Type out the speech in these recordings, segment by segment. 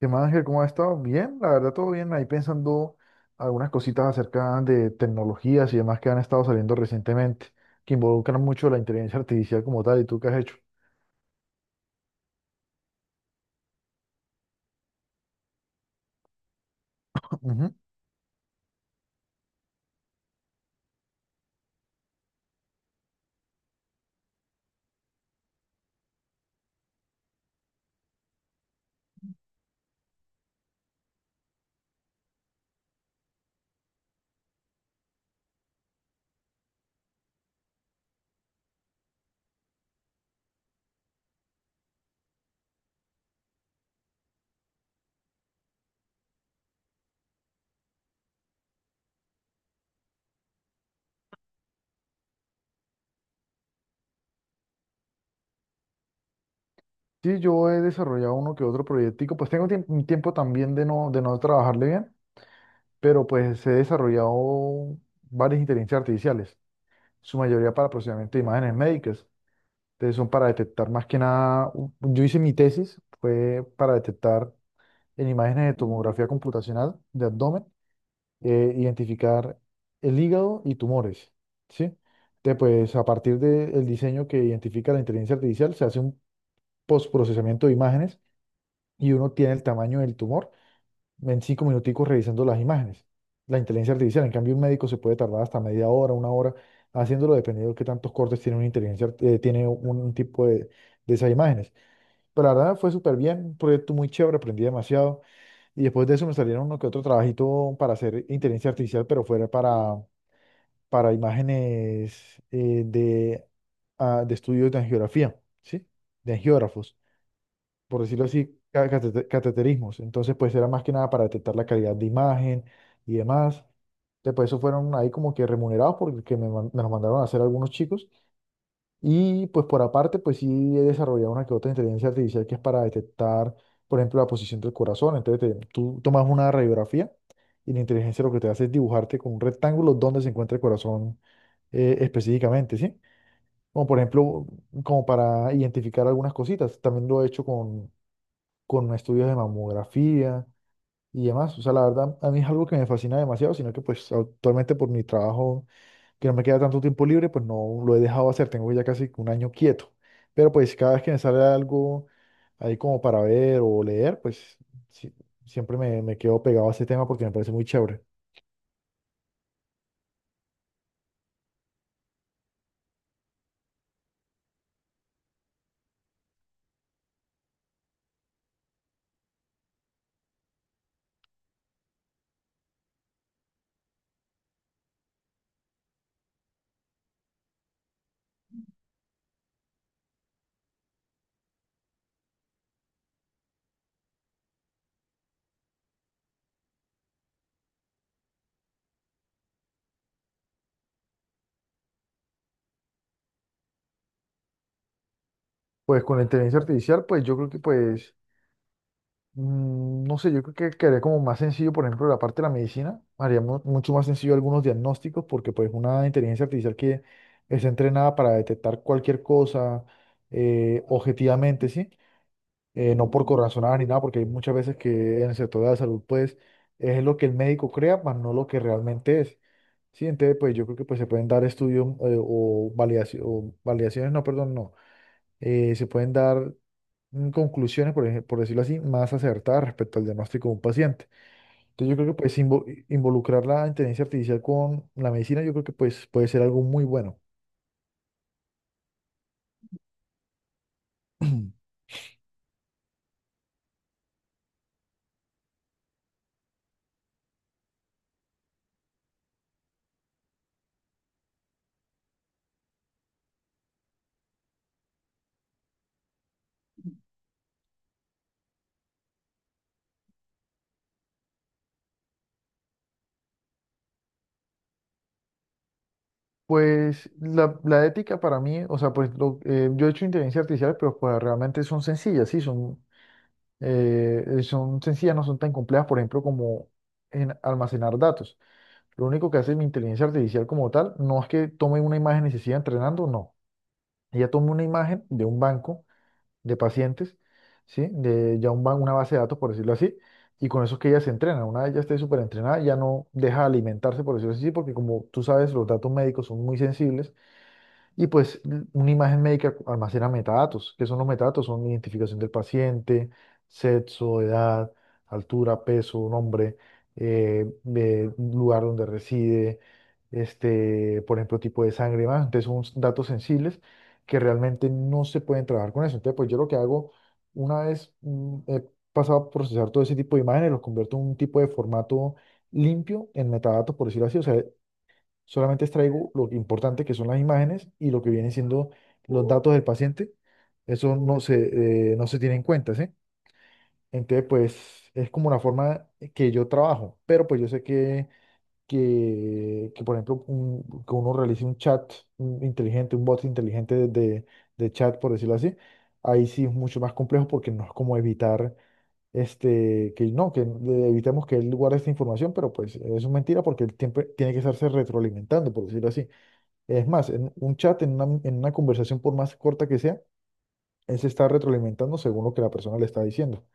¿Qué más, Ángel? ¿Cómo has estado? Bien, la verdad, todo bien. Ahí pensando algunas cositas acerca de tecnologías y demás que han estado saliendo recientemente, que involucran mucho la inteligencia artificial como tal. ¿Y tú qué has hecho? Ujú. Sí, yo he desarrollado uno que otro proyectico. Pues tengo un tiempo también de no trabajarle bien, pero pues he desarrollado varias inteligencias artificiales, su mayoría para procesamiento de imágenes médicas. Entonces son para detectar más que nada, yo hice mi tesis, fue para detectar en imágenes de tomografía computacional de abdomen, identificar el hígado y tumores, ¿sí? Entonces, pues a partir del diseño que identifica la inteligencia artificial, se hace un postprocesamiento de imágenes y uno tiene el tamaño del tumor en 5 minuticos revisando las imágenes. La inteligencia artificial, en cambio, un médico se puede tardar hasta media hora, una hora, haciéndolo dependiendo de qué tantos cortes tiene tiene un tipo de esas imágenes. Pero la verdad fue súper bien, un proyecto muy chévere, aprendí demasiado. Y después de eso me salieron uno que otro trabajito para hacer inteligencia artificial, pero fuera para imágenes de estudios de angiografía, ¿sí? De angiógrafos, por decirlo así, cateterismos. Entonces, pues era más que nada para detectar la calidad de imagen y demás. Después, eso fueron ahí como que remunerados porque me los mandaron a hacer algunos chicos. Y pues por aparte, pues sí he desarrollado una que otra inteligencia artificial que es para detectar, por ejemplo, la posición del corazón. Entonces tú tomas una radiografía y la inteligencia lo que te hace es dibujarte con un rectángulo donde se encuentra el corazón, específicamente, ¿sí? Como por ejemplo, como para identificar algunas cositas. También lo he hecho con estudios de mamografía y demás. O sea, la verdad, a mí es algo que me fascina demasiado, sino que pues actualmente por mi trabajo que no me queda tanto tiempo libre, pues no lo he dejado hacer, tengo ya casi un año quieto. Pero pues cada vez que me sale algo ahí como para ver o leer, pues sí, siempre me quedo pegado a ese tema porque me parece muy chévere. Pues con la inteligencia artificial, pues yo creo que pues, no sé, yo creo que quedaría como más sencillo, por ejemplo, la parte de la medicina, haría mucho más sencillo algunos diagnósticos porque pues una inteligencia artificial que está entrenada para detectar cualquier cosa, objetivamente, ¿sí? No por corazonadas ni nada, porque hay muchas veces que en el sector de la salud, pues, es lo que el médico crea, más no lo que realmente es. Sí, entonces, pues, yo creo que pues, se pueden dar estudios, o validaciones, no, perdón, no, se pueden dar, conclusiones, por ejemplo, por decirlo así, más acertadas respecto al diagnóstico de un paciente. Entonces, yo creo que pues, involucrar la inteligencia artificial con la medicina, yo creo que pues, puede ser algo muy bueno. Pues la ética para mí, o sea, pues yo he hecho inteligencia artificial, pero pues realmente son sencillas, sí, son sencillas, no son tan complejas, por ejemplo, como en almacenar datos. Lo único que hace mi inteligencia artificial como tal, no es que tome una imagen y se siga entrenando, no. Ella toma una imagen de un banco de pacientes, ¿sí? De ya una base de datos, por decirlo así, y con eso es que ella se entrena. Una vez ya esté súper entrenada, ya no deja de alimentarse, por decirlo así, porque como tú sabes, los datos médicos son muy sensibles y pues una imagen médica almacena metadatos. ¿Qué son los metadatos? Son identificación del paciente, sexo, edad, altura, peso, nombre, de lugar donde reside, este, por ejemplo, tipo de sangre y más. Entonces son datos sensibles que realmente no se pueden trabajar con eso. Entonces, pues yo lo que hago, una vez, he pasado a procesar todo ese tipo de imágenes, los convierto en un tipo de formato limpio en metadatos, por decirlo así. O sea, solamente extraigo lo importante que son las imágenes y lo que vienen siendo los datos del paciente. Eso no se tiene en cuenta, ¿sí? Entonces, pues es como una forma que yo trabajo, pero pues yo sé que, por ejemplo, que uno realice un bot inteligente de chat, por decirlo así, ahí sí es mucho más complejo porque no es como evitar, este, que no, evitemos que él guarde esta información, pero pues eso es mentira porque él siempre tiene que estarse retroalimentando, por decirlo así. Es más, en un chat, en una conversación, por más corta que sea, él se está retroalimentando según lo que la persona le está diciendo.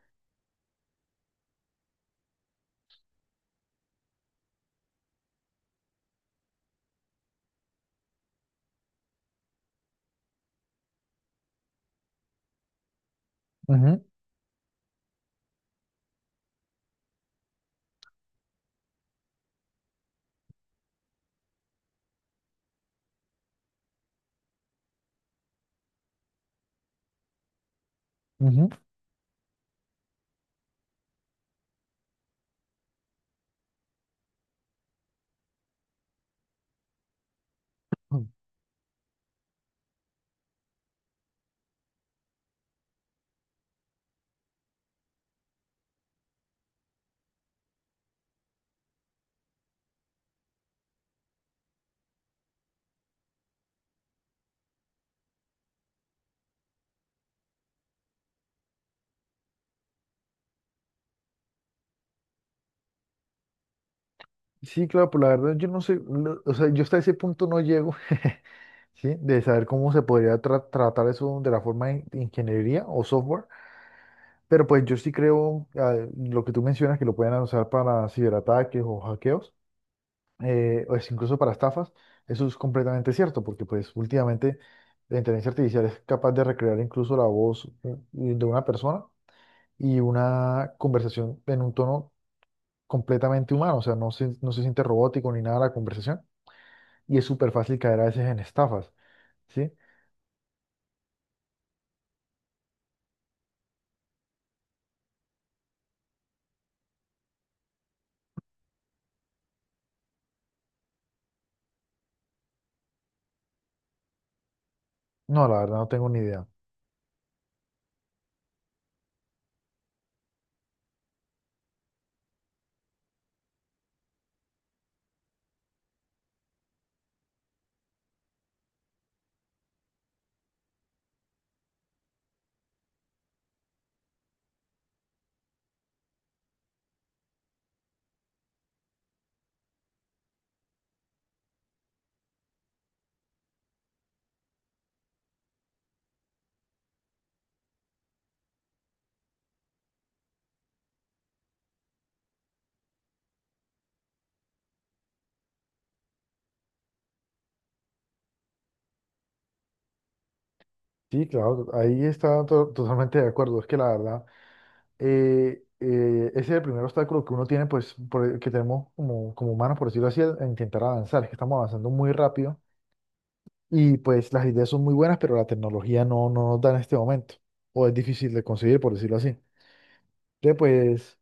Ujú, ujú. Mm. Sí, claro, pero la verdad yo no sé, o sea, yo hasta ese punto no llego, ¿sí? De saber cómo se podría tratar eso de la forma de ingeniería o software, pero pues yo sí creo, lo que tú mencionas que lo pueden usar para ciberataques o hackeos, o es incluso para estafas, eso es completamente cierto, porque pues últimamente la inteligencia artificial es capaz de recrear incluso la voz, de una persona y una conversación en un tono completamente humano, o sea, no se siente robótico ni nada la conversación y es súper fácil caer a veces en estafas, ¿sí? No, la verdad no tengo ni idea. Sí, claro, ahí está totalmente de acuerdo, es que la verdad, ese es el primer obstáculo que uno tiene, pues, por el que tenemos como humanos, por decirlo así, a intentar avanzar. Es que estamos avanzando muy rápido y pues las ideas son muy buenas, pero la tecnología no, no nos da en este momento. O es difícil de conseguir, por decirlo así. Entonces, pues,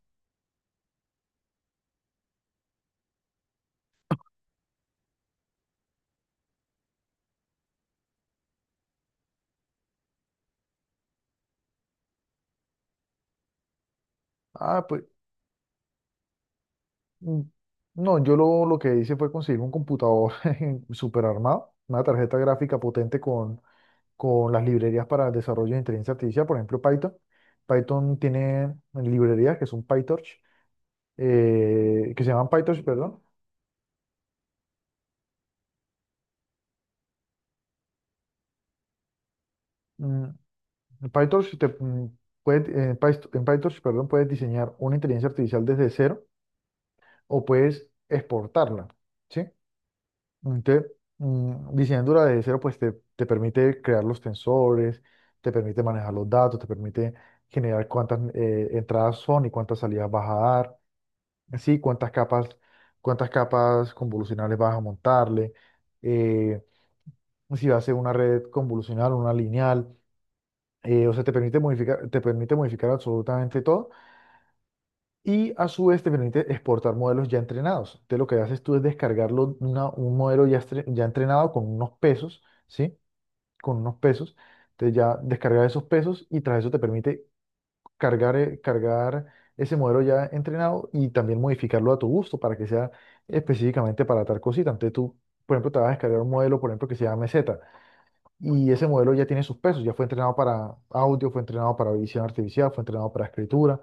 pues, mm, no, yo lo que hice fue conseguir un computador super armado, una tarjeta gráfica potente con las librerías para el desarrollo de inteligencia artificial, por ejemplo, Python. Python tiene librerías que son PyTorch, que se llaman PyTorch, perdón. Mm, en PyTorch puedes, en PyTorch, perdón, puedes diseñar una inteligencia artificial desde cero o puedes exportarla, ¿sí? Entonces, diseñándola desde cero, pues te permite crear los tensores, te permite manejar los datos, te permite generar cuántas, entradas son y cuántas salidas vas a dar, ¿sí? Cuántas capas convolucionales vas a montarle, eh, si va a ser una red convolucional, una lineal. O sea, te permite modificar absolutamente todo y a su vez te permite exportar modelos ya entrenados. Entonces lo que haces tú es descargarlo un modelo ya entrenado con unos pesos, ¿sí? Con unos pesos. Entonces ya descargar esos pesos y tras eso te permite cargar ese modelo ya entrenado y también modificarlo a tu gusto para que sea específicamente para tal cosita. Entonces tú, por ejemplo, te vas a descargar un modelo, por ejemplo, que se llame MZ. Y ese modelo ya tiene sus pesos, ya fue entrenado para audio, fue entrenado para visión artificial, fue entrenado para escritura,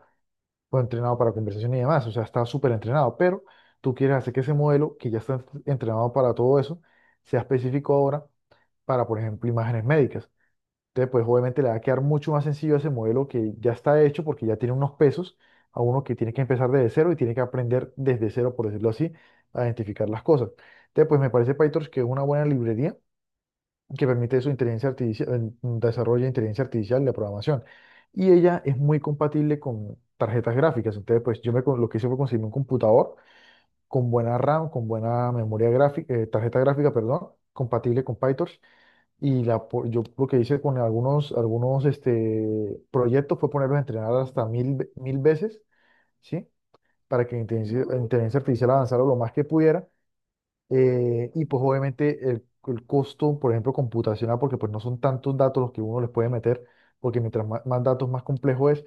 fue entrenado para conversación y demás, o sea, está súper entrenado, pero tú quieres hacer que ese modelo, que ya está entrenado para todo eso, sea específico ahora para, por ejemplo, imágenes médicas. Entonces, pues obviamente le va a quedar mucho más sencillo a ese modelo que ya está hecho porque ya tiene unos pesos a uno que tiene que empezar desde cero y tiene que aprender desde cero, por decirlo así, a identificar las cosas. Entonces, pues me parece PyTorch que es una buena librería que permite su inteligencia artificial, desarrollo de inteligencia artificial de programación. Y ella es muy compatible con tarjetas gráficas. Entonces, pues yo lo que hice fue conseguir un computador con buena RAM, con buena memoria gráfica, tarjeta gráfica, perdón, compatible con PyTorch. Y yo lo que hice con algunos este, proyectos fue ponerlos a entrenar hasta mil veces, ¿sí? Para que la inteligencia artificial avanzara lo más que pudiera, y pues obviamente el costo, por ejemplo, computacional, porque pues no son tantos datos los que uno les puede meter, porque mientras más, más datos, más complejo es,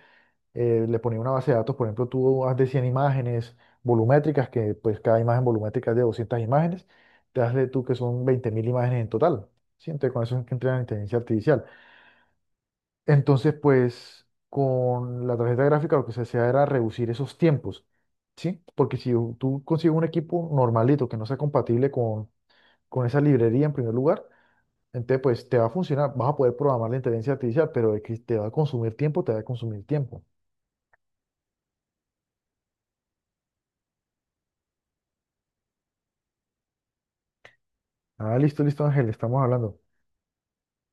le ponía una base de datos, por ejemplo, tú haz de 100 imágenes volumétricas, que pues cada imagen volumétrica es de 200 imágenes, te hazle tú que son 20.000 imágenes en total, ¿sí? Entonces con eso es que entra la inteligencia artificial. Entonces pues con la tarjeta gráfica lo que se hacía era reducir esos tiempos. ¿Sí? Porque si tú consigues un equipo normalito que no sea compatible con, esa librería en primer lugar. Entonces, pues te va a funcionar, vas a poder programar la inteligencia artificial, pero de que te va a consumir tiempo, te va a consumir tiempo. Ah, listo, listo, Ángel, estamos hablando.